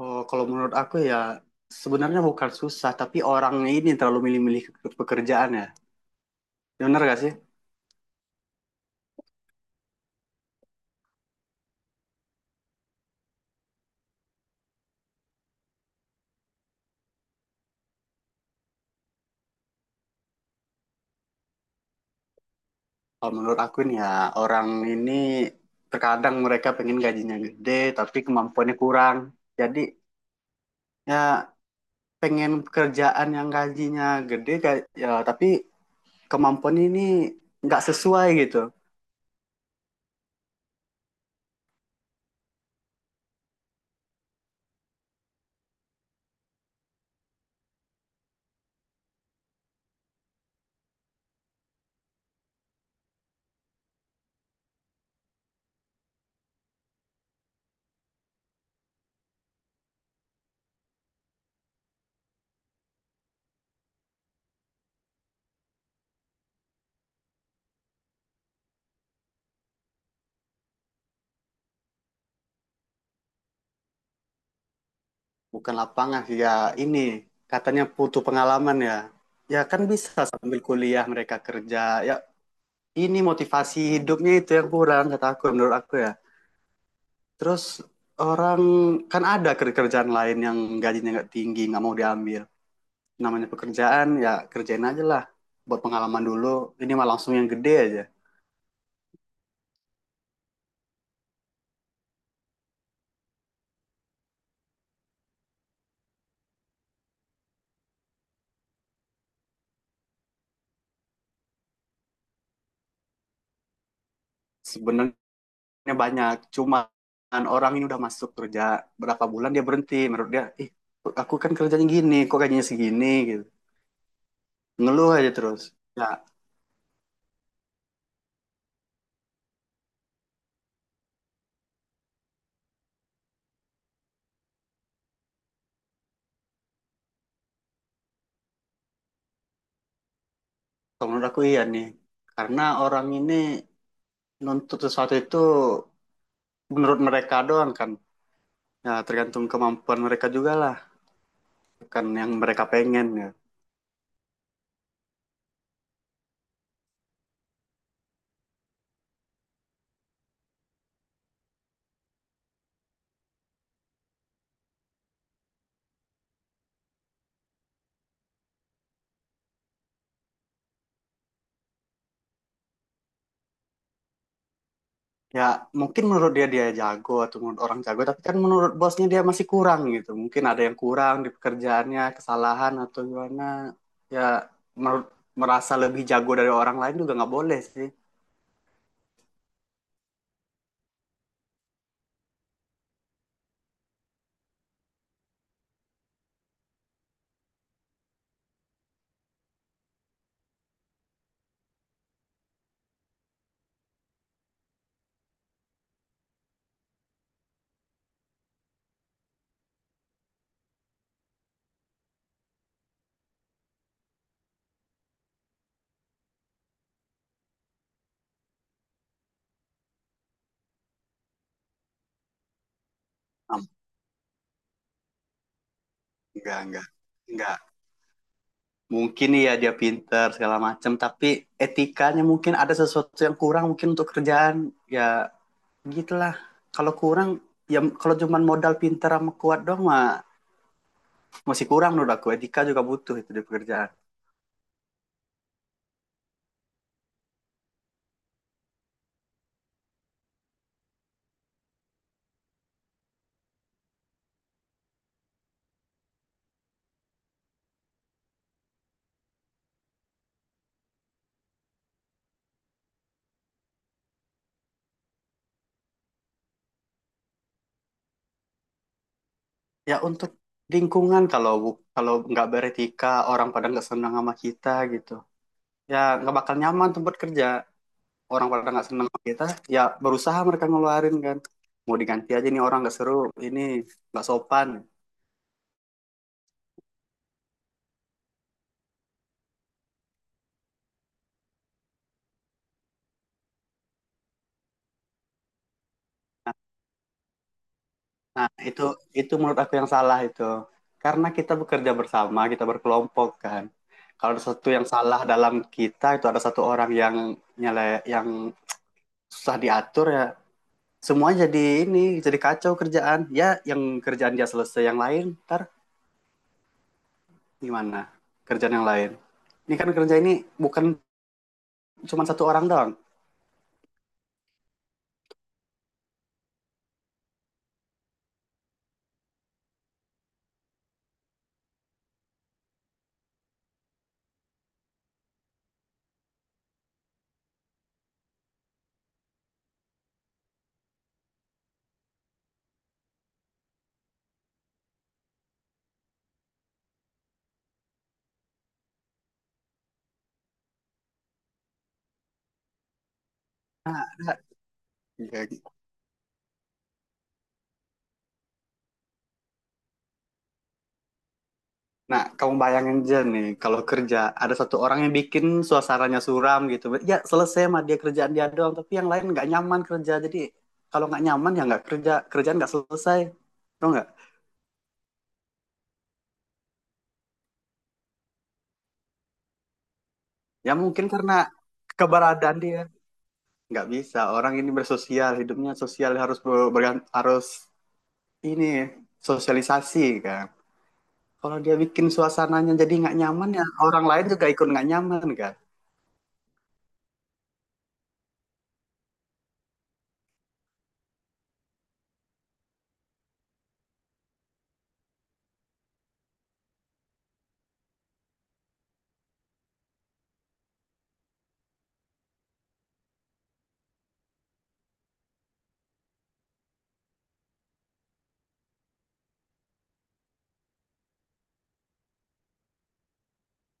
Oh, kalau menurut aku ya sebenarnya bukan susah, tapi orangnya ini terlalu milih-milih pekerjaan ya. Bener gak sih? Kalau menurut aku nih ya orang ini terkadang mereka pengen gajinya gede, tapi kemampuannya kurang. Jadi ya pengen pekerjaan yang gajinya gede, ya tapi kemampuannya ini nggak sesuai gitu. Bukan lapangan sih ya, ini katanya butuh pengalaman ya. Ya kan bisa sambil kuliah mereka kerja. Ya ini motivasi hidupnya itu yang kurang kata aku menurut aku ya. Terus orang kan ada kerjaan lain yang gajinya nggak tinggi nggak mau diambil. Namanya pekerjaan ya kerjain aja lah buat pengalaman dulu. Ini mah langsung yang gede aja. Sebenarnya banyak, cuma orang ini udah masuk kerja berapa bulan dia berhenti, menurut dia ih aku kan kerjanya gini kok gajinya segini gitu. Ngeluh aja terus. Ya menurut aku iya nih, karena orang ini nuntut sesuatu itu menurut mereka doang kan. Ya, tergantung kemampuan mereka juga lah. Kan yang mereka pengen ya. Ya, mungkin menurut dia dia jago atau menurut orang jago, tapi kan menurut bosnya dia masih kurang gitu. Mungkin ada yang kurang di pekerjaannya, kesalahan atau gimana. Ya, menurut merasa lebih jago dari orang lain juga nggak boleh sih. Ah, enggak, enggak. Enggak. Mungkin iya dia pinter segala macam, tapi etikanya mungkin ada sesuatu yang kurang mungkin untuk kerjaan. Ya, gitulah, kalau kurang ya, kalau cuma modal pintar sama kuat doang mah masih kurang. Menurut aku etika juga butuh itu di pekerjaan, ya untuk lingkungan. Kalau kalau nggak beretika orang pada nggak senang sama kita gitu, ya nggak bakal nyaman tempat kerja. Orang pada nggak senang sama kita, ya berusaha mereka ngeluarin kan, mau diganti aja nih, orang nggak seru ini, nggak sopan. Nah, itu menurut aku yang salah itu. Karena kita bekerja bersama, kita berkelompok kan. Kalau ada satu yang salah dalam kita, itu ada satu orang yang nyele, yang susah diatur ya, semua jadi ini, jadi kacau kerjaan. Ya, yang kerjaan dia selesai, yang lain ntar gimana? Kerjaan yang lain. Ini kan kerja ini bukan cuma satu orang doang. Nah, ya Nah, kamu bayangin aja nih, kalau kerja ada satu orang yang bikin suasananya suram gitu. Ya selesai mah dia kerjaan dia doang, tapi yang lain nggak nyaman kerja. Jadi kalau nggak nyaman ya nggak kerja, kerjaan nggak selesai. Tau nggak? Ya mungkin karena keberadaan dia nggak bisa. Orang ini bersosial, hidupnya sosial harus harus ini sosialisasi kan. Kalau dia bikin suasananya jadi nggak nyaman ya orang lain juga ikut nggak nyaman kan.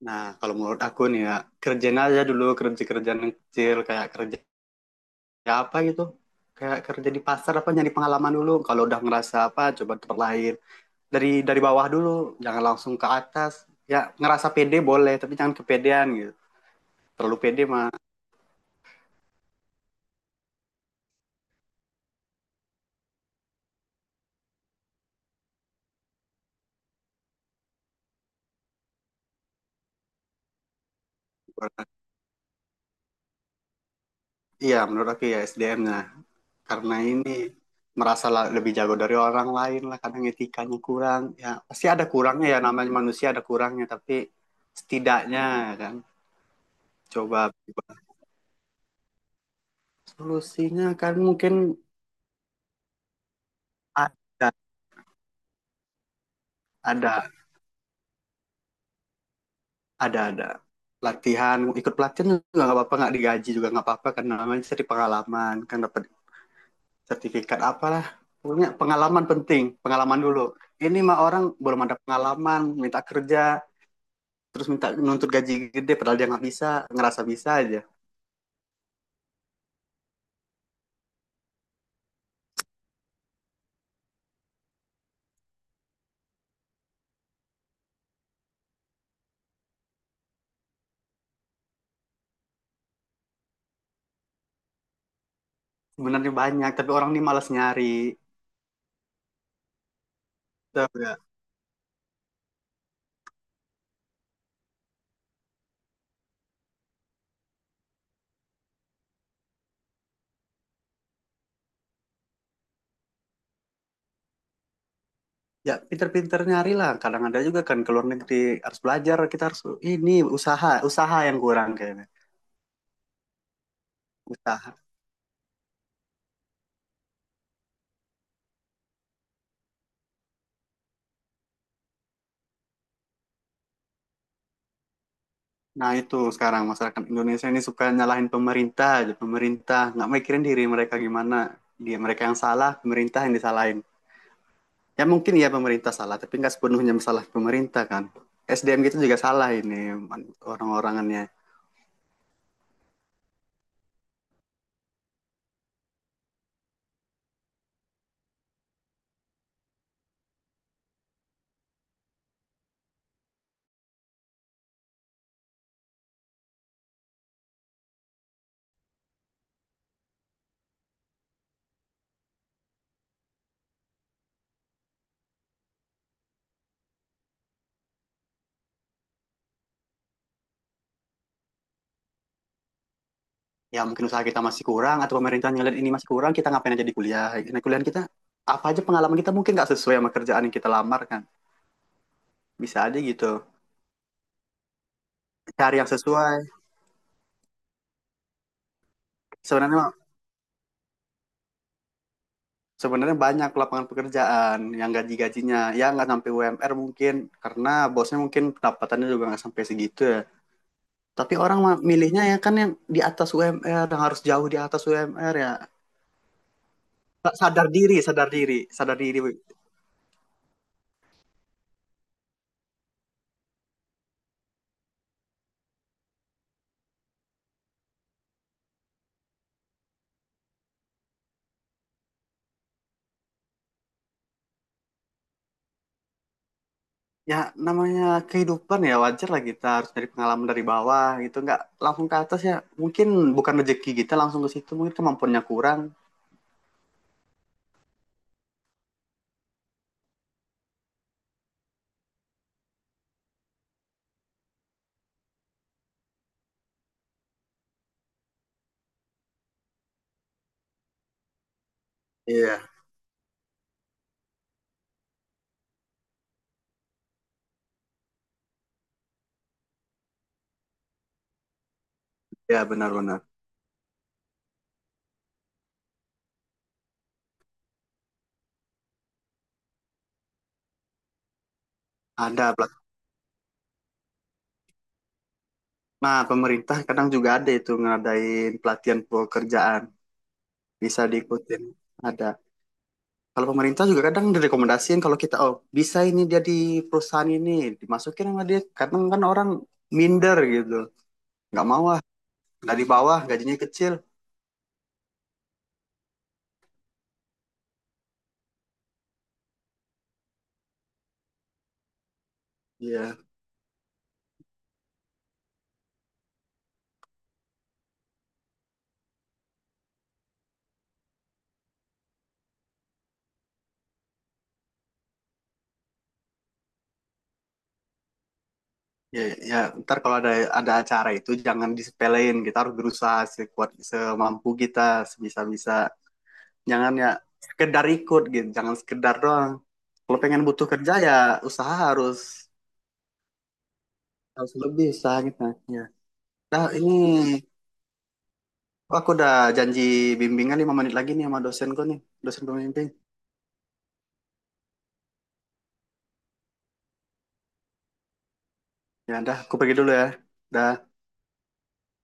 Nah, kalau menurut aku nih ya, kerjain aja dulu kerja-kerjaan yang kecil, kayak kerja ya apa gitu. Kayak kerja di pasar apa nyari pengalaman dulu. Kalau udah ngerasa apa, coba tempat lain. Dari bawah dulu, jangan langsung ke atas. Ya ngerasa pede boleh, tapi jangan kepedean gitu. Terlalu pede mah. Iya, menurut aku ya SDM-nya. Karena ini merasa lebih jago dari orang lain lah, kadang etikanya kurang. Ya pasti ada kurangnya ya, namanya manusia ada kurangnya, tapi setidaknya ya kan, coba. Solusinya kan mungkin ada, ada ada latihan, ikut pelatihan juga nggak apa-apa, nggak digaji juga nggak apa-apa, karena namanya cari pengalaman kan, dapat sertifikat apalah, punya pengalaman, penting pengalaman dulu. Ini mah orang belum ada pengalaman minta kerja, terus minta nuntut gaji gede, padahal dia nggak bisa, ngerasa bisa aja. Sebenarnya banyak, tapi orang ini malas nyari. Tahu, ya pinter-pinter nyari lah, kadang ada juga kan ke luar negeri, harus belajar, kita harus ini usaha. Usaha yang kurang kayaknya, usaha. Nah itu sekarang masyarakat Indonesia ini suka nyalahin pemerintah aja, pemerintah nggak mikirin diri mereka gimana, dia mereka yang salah, pemerintah yang disalahin. Ya mungkin ya pemerintah salah, tapi nggak sepenuhnya masalah pemerintah kan. SDM kita juga salah, ini orang-orangannya. Ya mungkin usaha kita masih kurang, atau pemerintah ngeliat ini masih kurang, kita ngapain aja di kuliah. Nah, kuliah kita apa aja pengalaman kita mungkin nggak sesuai sama kerjaan yang kita lamar kan. Bisa aja gitu. Cari yang sesuai. Sebenarnya Sebenarnya banyak lapangan pekerjaan yang gaji-gajinya ya nggak sampai UMR, mungkin karena bosnya mungkin pendapatannya juga nggak sampai segitu ya. Tapi orang mah milihnya ya kan yang di atas UMR, yang harus jauh di atas UMR ya. Sadar diri, sadar diri, sadar diri. Ya namanya kehidupan ya wajar lah, kita harus dari pengalaman dari bawah gitu, nggak langsung ke atas ya. Mungkin bukan rezeki kita langsung ke situ, mungkin kemampuannya kurang. Iya, ya benar-benar. Ada Nah, pemerintah kadang juga ada itu ngadain pelatihan pekerjaan, bisa diikutin. Ada. Kalau pemerintah juga kadang direkomendasiin, kalau kita oh bisa ini dia di perusahaan ini, dimasukin sama dia. Kadang kan orang minder gitu, nggak mau ah dari bawah gajinya kecil. Iya, ya, ya. Ntar kalau ada acara itu jangan disepelein. Kita harus berusaha sekuat semampu kita, sebisa-bisa. Jangan ya sekedar ikut gitu, jangan sekedar doang. Kalau pengen butuh kerja ya usaha harus Harus lebih sakit naiknya. Nah, ini oh, aku udah janji bimbingan 5 menit lagi nih sama dosenku nih, dosen pembimbing. Ya udah, aku pergi dulu ya. Dah.